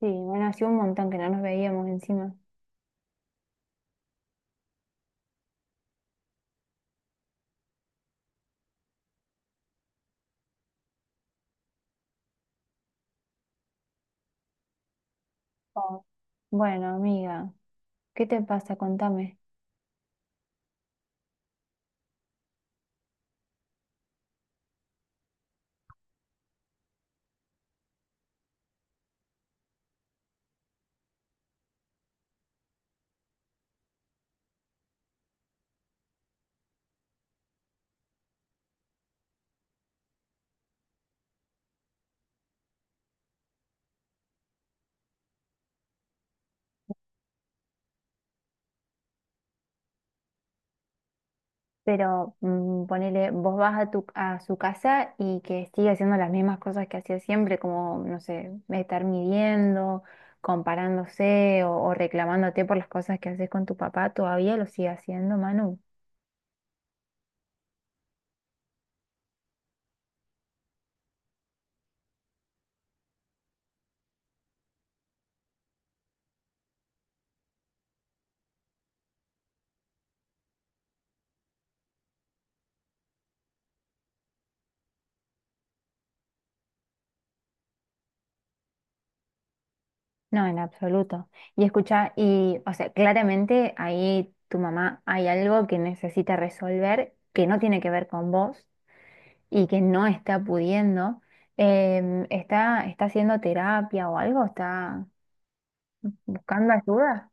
Sí, bueno, hacía un montón que no nos veíamos encima. Oh. Bueno, amiga, ¿qué te pasa? Contame. Pero ponele, vos vas a tu a su casa y que sigue haciendo las mismas cosas que hacía siempre, como, no sé, estar midiendo, comparándose o reclamándote por las cosas que haces con tu papá, ¿todavía lo sigue haciendo, Manu? No, en absoluto. Y escucha, o sea, claramente ahí tu mamá hay algo que necesita resolver que no tiene que ver con vos y que no está pudiendo, ¿está haciendo terapia o algo? ¿Está buscando ayuda?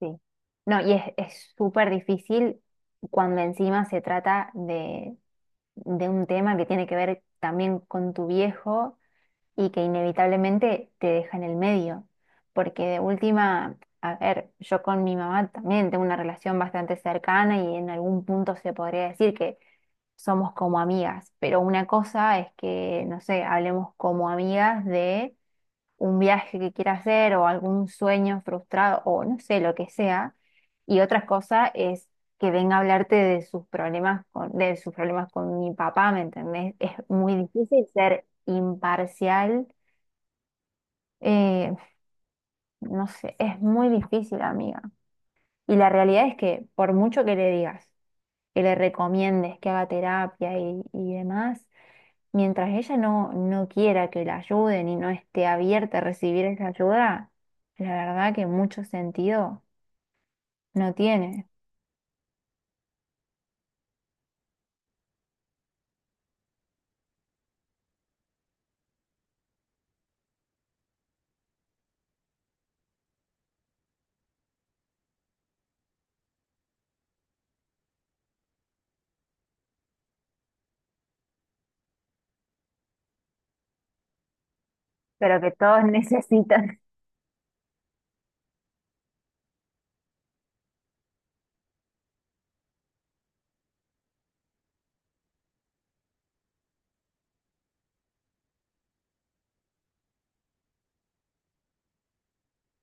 Sí. No, y es súper difícil cuando encima se trata de un tema que tiene que ver también con tu viejo y que inevitablemente te deja en el medio, porque de última, a ver, yo con mi mamá también tengo una relación bastante cercana y en algún punto se podría decir que somos como amigas, pero una cosa es que, no sé, hablemos como amigas de un viaje que quiera hacer o algún sueño frustrado o no sé, lo que sea, y otra cosa es que venga a hablarte de sus problemas de sus problemas con mi papá, ¿me entendés? Es muy difícil ser imparcial eh, no sé, es muy difícil, amiga. Y la realidad es que por mucho que le digas, que le recomiendes que haga terapia y demás, mientras ella no, no quiera que la ayuden y no esté abierta a recibir esa ayuda, la verdad que mucho sentido no tiene. Pero que todos necesitan.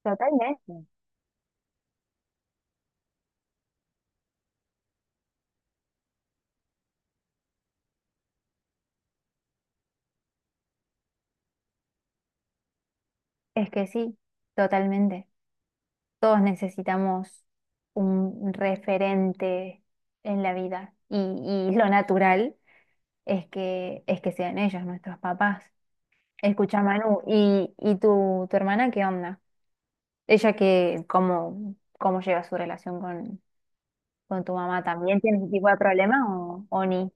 Totalmente. Es que sí, totalmente. Todos necesitamos un referente en la vida y lo natural. Es que, es que sean ellos nuestros papás. Escucha, Manu, ¿y tu, tu hermana qué onda? ¿Ella que cómo, cómo lleva su relación con tu mamá? ¿También tiene ese tipo de problema o ni?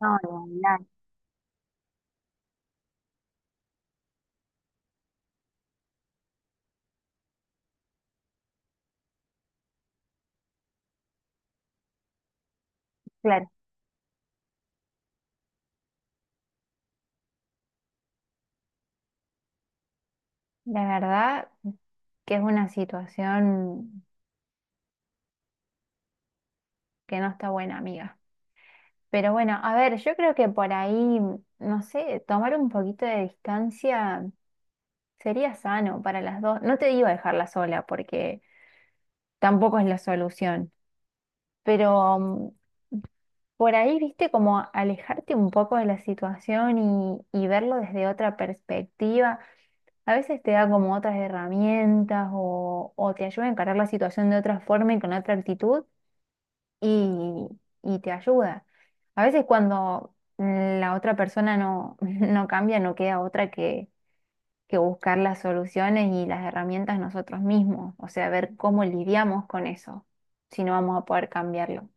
No, no, la, claro. La verdad que es una situación que no está buena, amiga. Pero bueno, a ver, yo creo que por ahí, no sé, tomar un poquito de distancia sería sano para las dos. No te digo dejarla sola porque tampoco es la solución. Pero por ahí, viste, como alejarte un poco de la situación y verlo desde otra perspectiva, a veces te da como otras herramientas o te ayuda a encarar la situación de otra forma y con otra actitud y, y te ayuda. A veces cuando la otra persona no, no cambia, no queda otra que buscar las soluciones y las herramientas nosotros mismos, o sea, ver cómo lidiamos con eso, si no vamos a poder cambiarlo.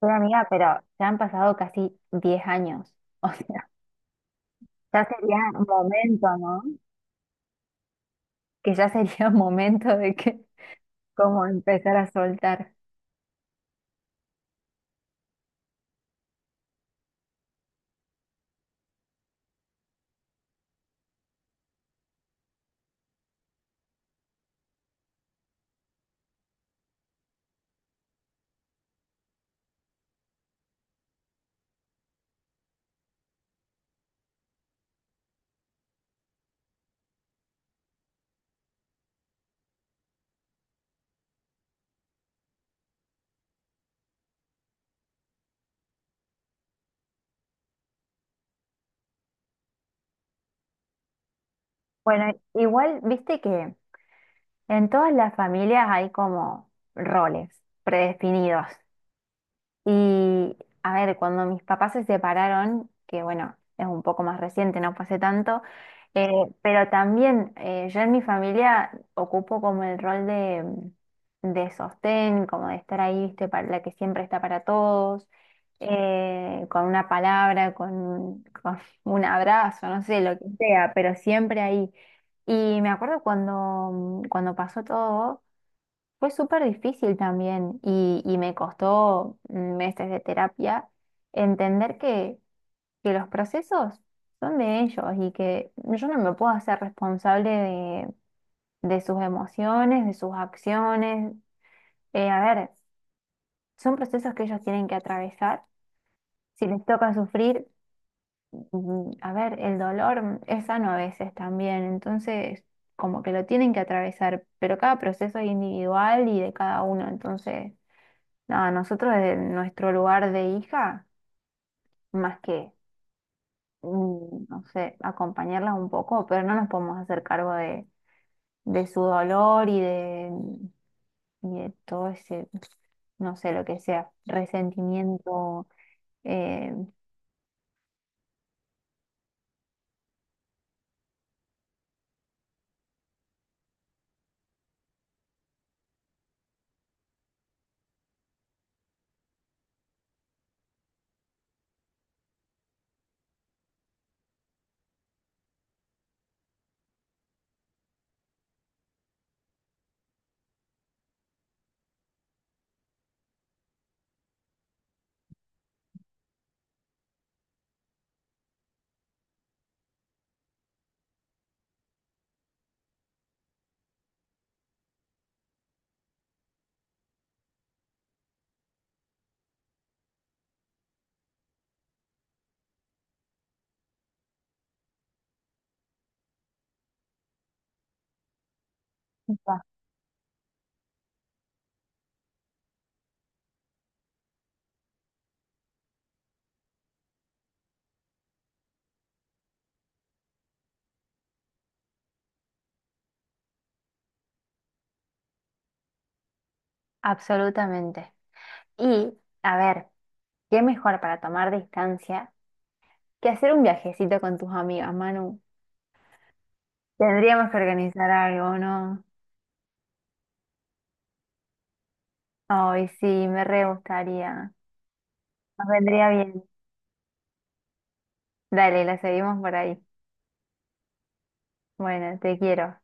Pero amiga, pero ya han pasado casi 10 años. O sea, ya sería momento, ¿no? Que ya sería momento de que, como empezar a soltar. Bueno, igual, viste que en todas las familias hay como roles predefinidos. Y a ver, cuando mis papás se separaron, que bueno, es un poco más reciente, no pasé tanto, eh, pero también yo en mi familia ocupo como el rol de sostén, como de estar ahí, viste, para la que siempre está para todos, con una palabra, con un abrazo, no sé, lo que sea, pero siempre ahí. Y me acuerdo cuando, cuando pasó todo. Fue súper difícil también y me costó meses de terapia entender que los procesos son de ellos y que yo no me puedo hacer responsable de sus emociones, de sus acciones. A ver, son procesos que ellos tienen que atravesar. Si les toca sufrir, a ver, el dolor es sano a veces también, entonces como que lo tienen que atravesar, pero cada proceso es individual y de cada uno, entonces... No, nosotros desde nuestro lugar de hija, más que, no sé, acompañarlas un poco, pero no nos podemos hacer cargo de su dolor y de todo ese, no sé, lo que sea, resentimiento, eh, culpa. Absolutamente. Y, a ver, ¿qué mejor para tomar distancia que hacer un viajecito con tus amigas, Manu? Tendríamos que organizar algo, ¿no? Ay, sí, me re gustaría. Nos vendría bien. Dale, la seguimos por ahí. Bueno, te quiero.